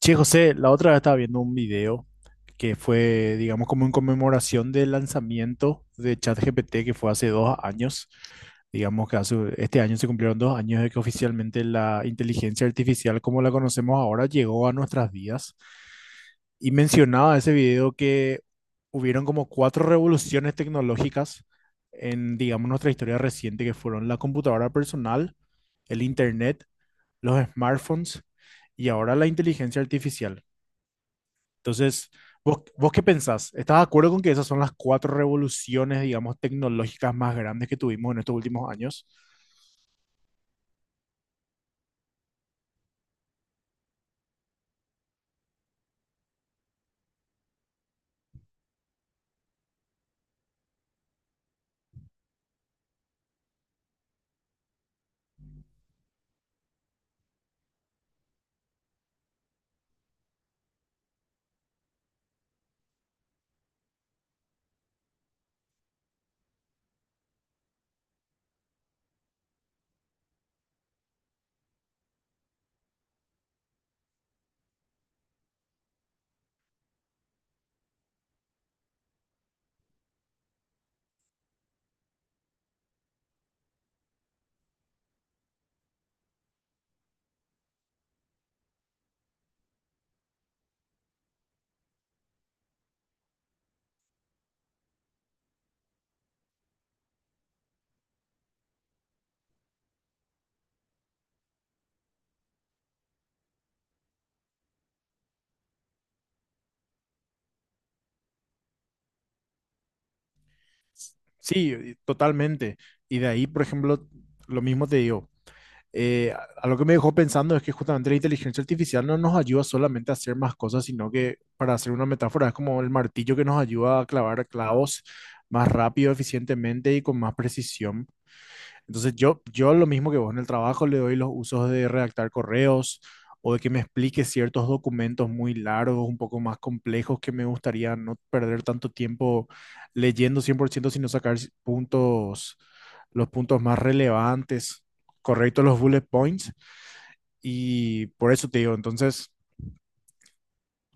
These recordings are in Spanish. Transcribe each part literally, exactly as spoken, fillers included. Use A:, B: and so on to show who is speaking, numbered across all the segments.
A: Che, José, la otra vez estaba viendo un video que fue, digamos, como en conmemoración del lanzamiento de ChatGPT que fue hace dos años. Digamos que hace, este año se cumplieron dos años de que oficialmente la inteligencia artificial como la conocemos ahora llegó a nuestras vidas. Y mencionaba ese video que hubieron como cuatro revoluciones tecnológicas en, digamos, nuestra historia reciente, que fueron la computadora personal, el internet, los smartphones y ahora la inteligencia artificial. Entonces, ¿vos, vos qué pensás? ¿Estás de acuerdo con que esas son las cuatro revoluciones, digamos, tecnológicas más grandes que tuvimos en estos últimos años? Sí, y- totalmente. Y de ahí, por ejemplo, lo mismo te digo. eh, a a lo que me dejó pensando es que justamente la inteligencia artificial no nos ayuda solamente a hacer más cosas, sino que, para hacer una metáfora, es como el martillo que nos ayuda a clavar clavos más rápido, eficientemente y con más precisión. Entonces yo, yo lo mismo que vos, en el trabajo le doy los usos de redactar correos o de que me explique ciertos documentos muy largos, un poco más complejos, que me gustaría no perder tanto tiempo leyendo cien por ciento, sino sacar s- puntos, los puntos más relevantes, correctos los bullet points. Y por eso te digo, entonces,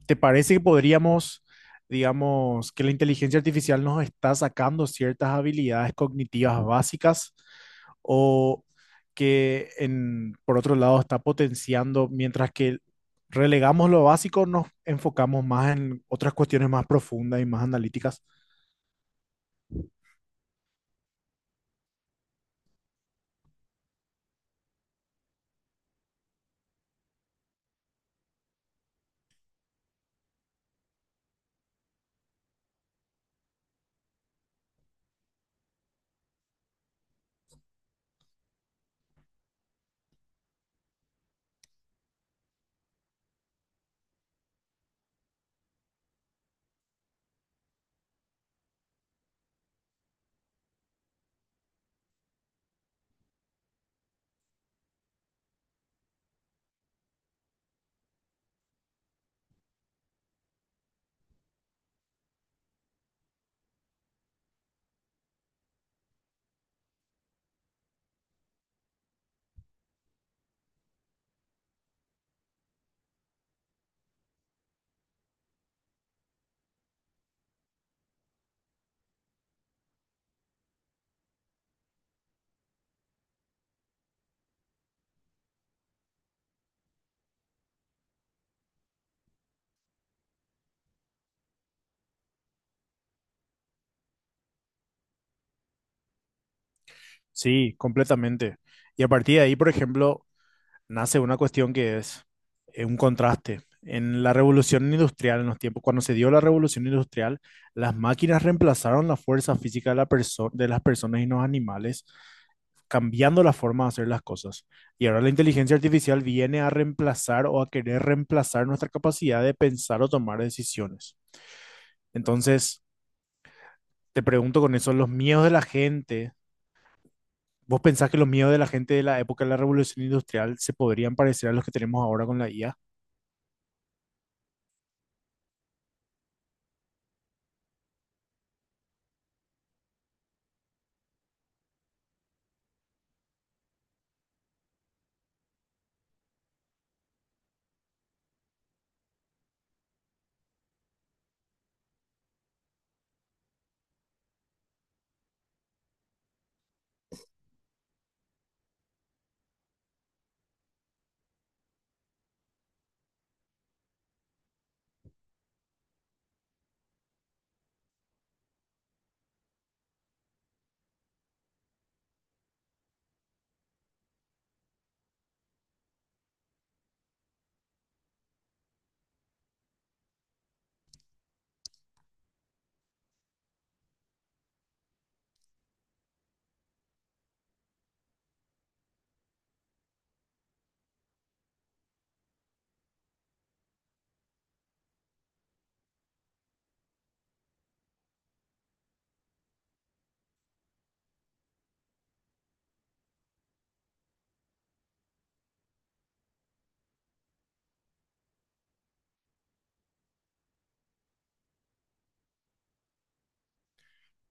A: ¿te parece que podríamos, digamos, que la inteligencia artificial nos está sacando ciertas habilidades cognitivas básicas o que en, por otro lado está potenciando, mientras que relegamos lo básico, nos enfocamos más en otras cuestiones más profundas y más analíticas? Sí, completamente. Y a partir de ahí, por ejemplo, nace una cuestión que es eh, un contraste. En la revolución industrial, en los tiempos, cuando se dio la revolución industrial, las máquinas reemplazaron la fuerza física de, la perso- de las personas y los animales, cambiando la forma de hacer las cosas. Y ahora la inteligencia artificial viene a reemplazar o a querer reemplazar nuestra capacidad de pensar o tomar decisiones. Entonces, te pregunto con eso, los miedos de la gente, ¿vos pensás que los miedos de la gente de la época de la revolución industrial se podrían parecer a los que tenemos ahora con la I A?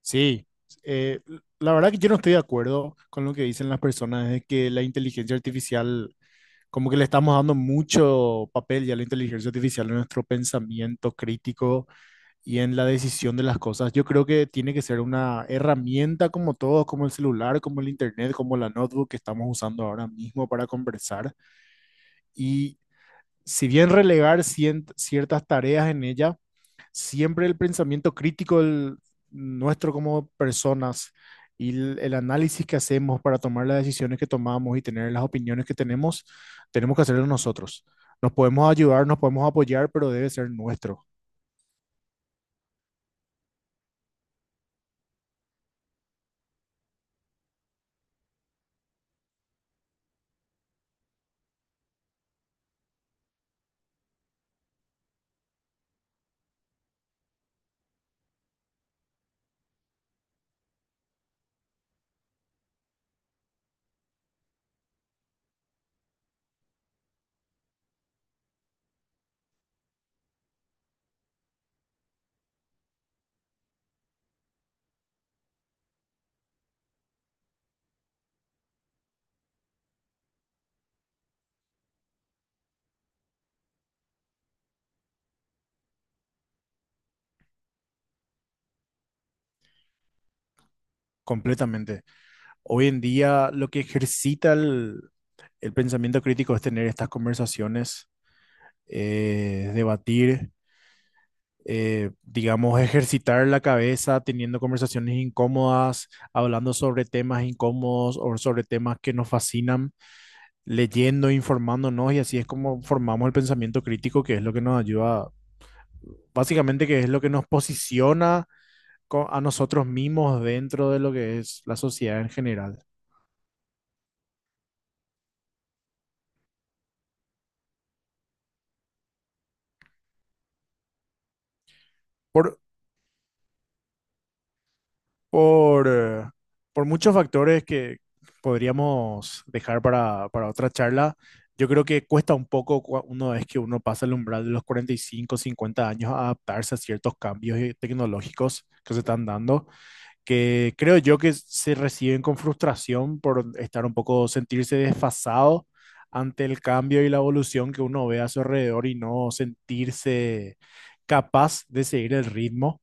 A: Sí, eh, la verdad que yo no estoy de acuerdo con lo que dicen las personas de que la inteligencia artificial, como que le estamos dando mucho papel ya a la inteligencia artificial en nuestro pensamiento crítico y en la decisión de las cosas. Yo creo que tiene que ser una herramienta como todos, como el celular, como el internet, como la notebook que estamos usando ahora mismo para conversar. Y si bien relegar cien- ciertas tareas en ella, siempre el pensamiento crítico del- nuestro como personas y el, el análisis que hacemos para tomar las decisiones que tomamos y tener las opiniones que tenemos, tenemos que hacerlo nosotros. Nos podemos ayudar, nos podemos apoyar, pero debe ser nuestro, completamente. Hoy en día lo que ejercita el, el pensamiento crítico es tener estas conversaciones, eh, debatir, eh, digamos, ejercitar la cabeza teniendo conversaciones incómodas, hablando sobre temas incómodos o sobre temas que nos fascinan, leyendo, informándonos, y así es como formamos el pensamiento crítico, que es lo que nos ayuda, básicamente, que es lo que nos posiciona co- a nosotros mismos dentro de lo que es la sociedad en general. Por, por, eh, por muchos factores que podríamos dejar para, para otra charla. Yo creo que cuesta un poco cua- una vez que uno pasa el umbral de los cuarenta y cinco, cincuenta años, a adaptarse a ciertos cambios eh, tecnológicos que se están dando, que creo yo que se reciben con frustración por estar un poco, sentirse desfasado ante el cambio y la evolución que uno ve a su alrededor y no sentirse capaz de seguir el ritmo.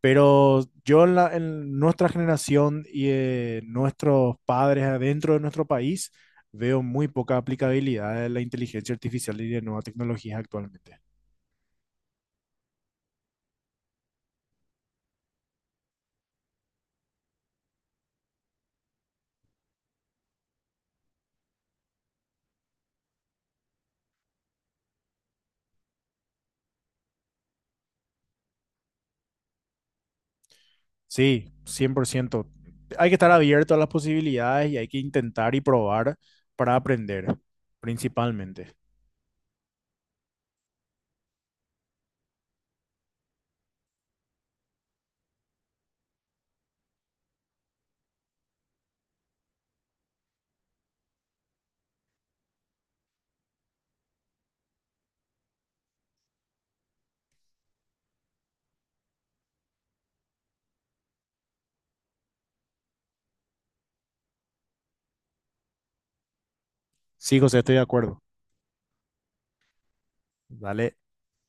A: Pero yo en, la- en nuestra generación y eh, nuestros padres adentro de nuestro país, veo muy poca aplicabilidad de la inteligencia artificial y de nuevas tecnologías actualmente. Sí, cien por ciento. Hay que estar abierto a las posibilidades y hay que intentar y probar para aprender, principalmente. Sí, José, estoy de acuerdo. Dale.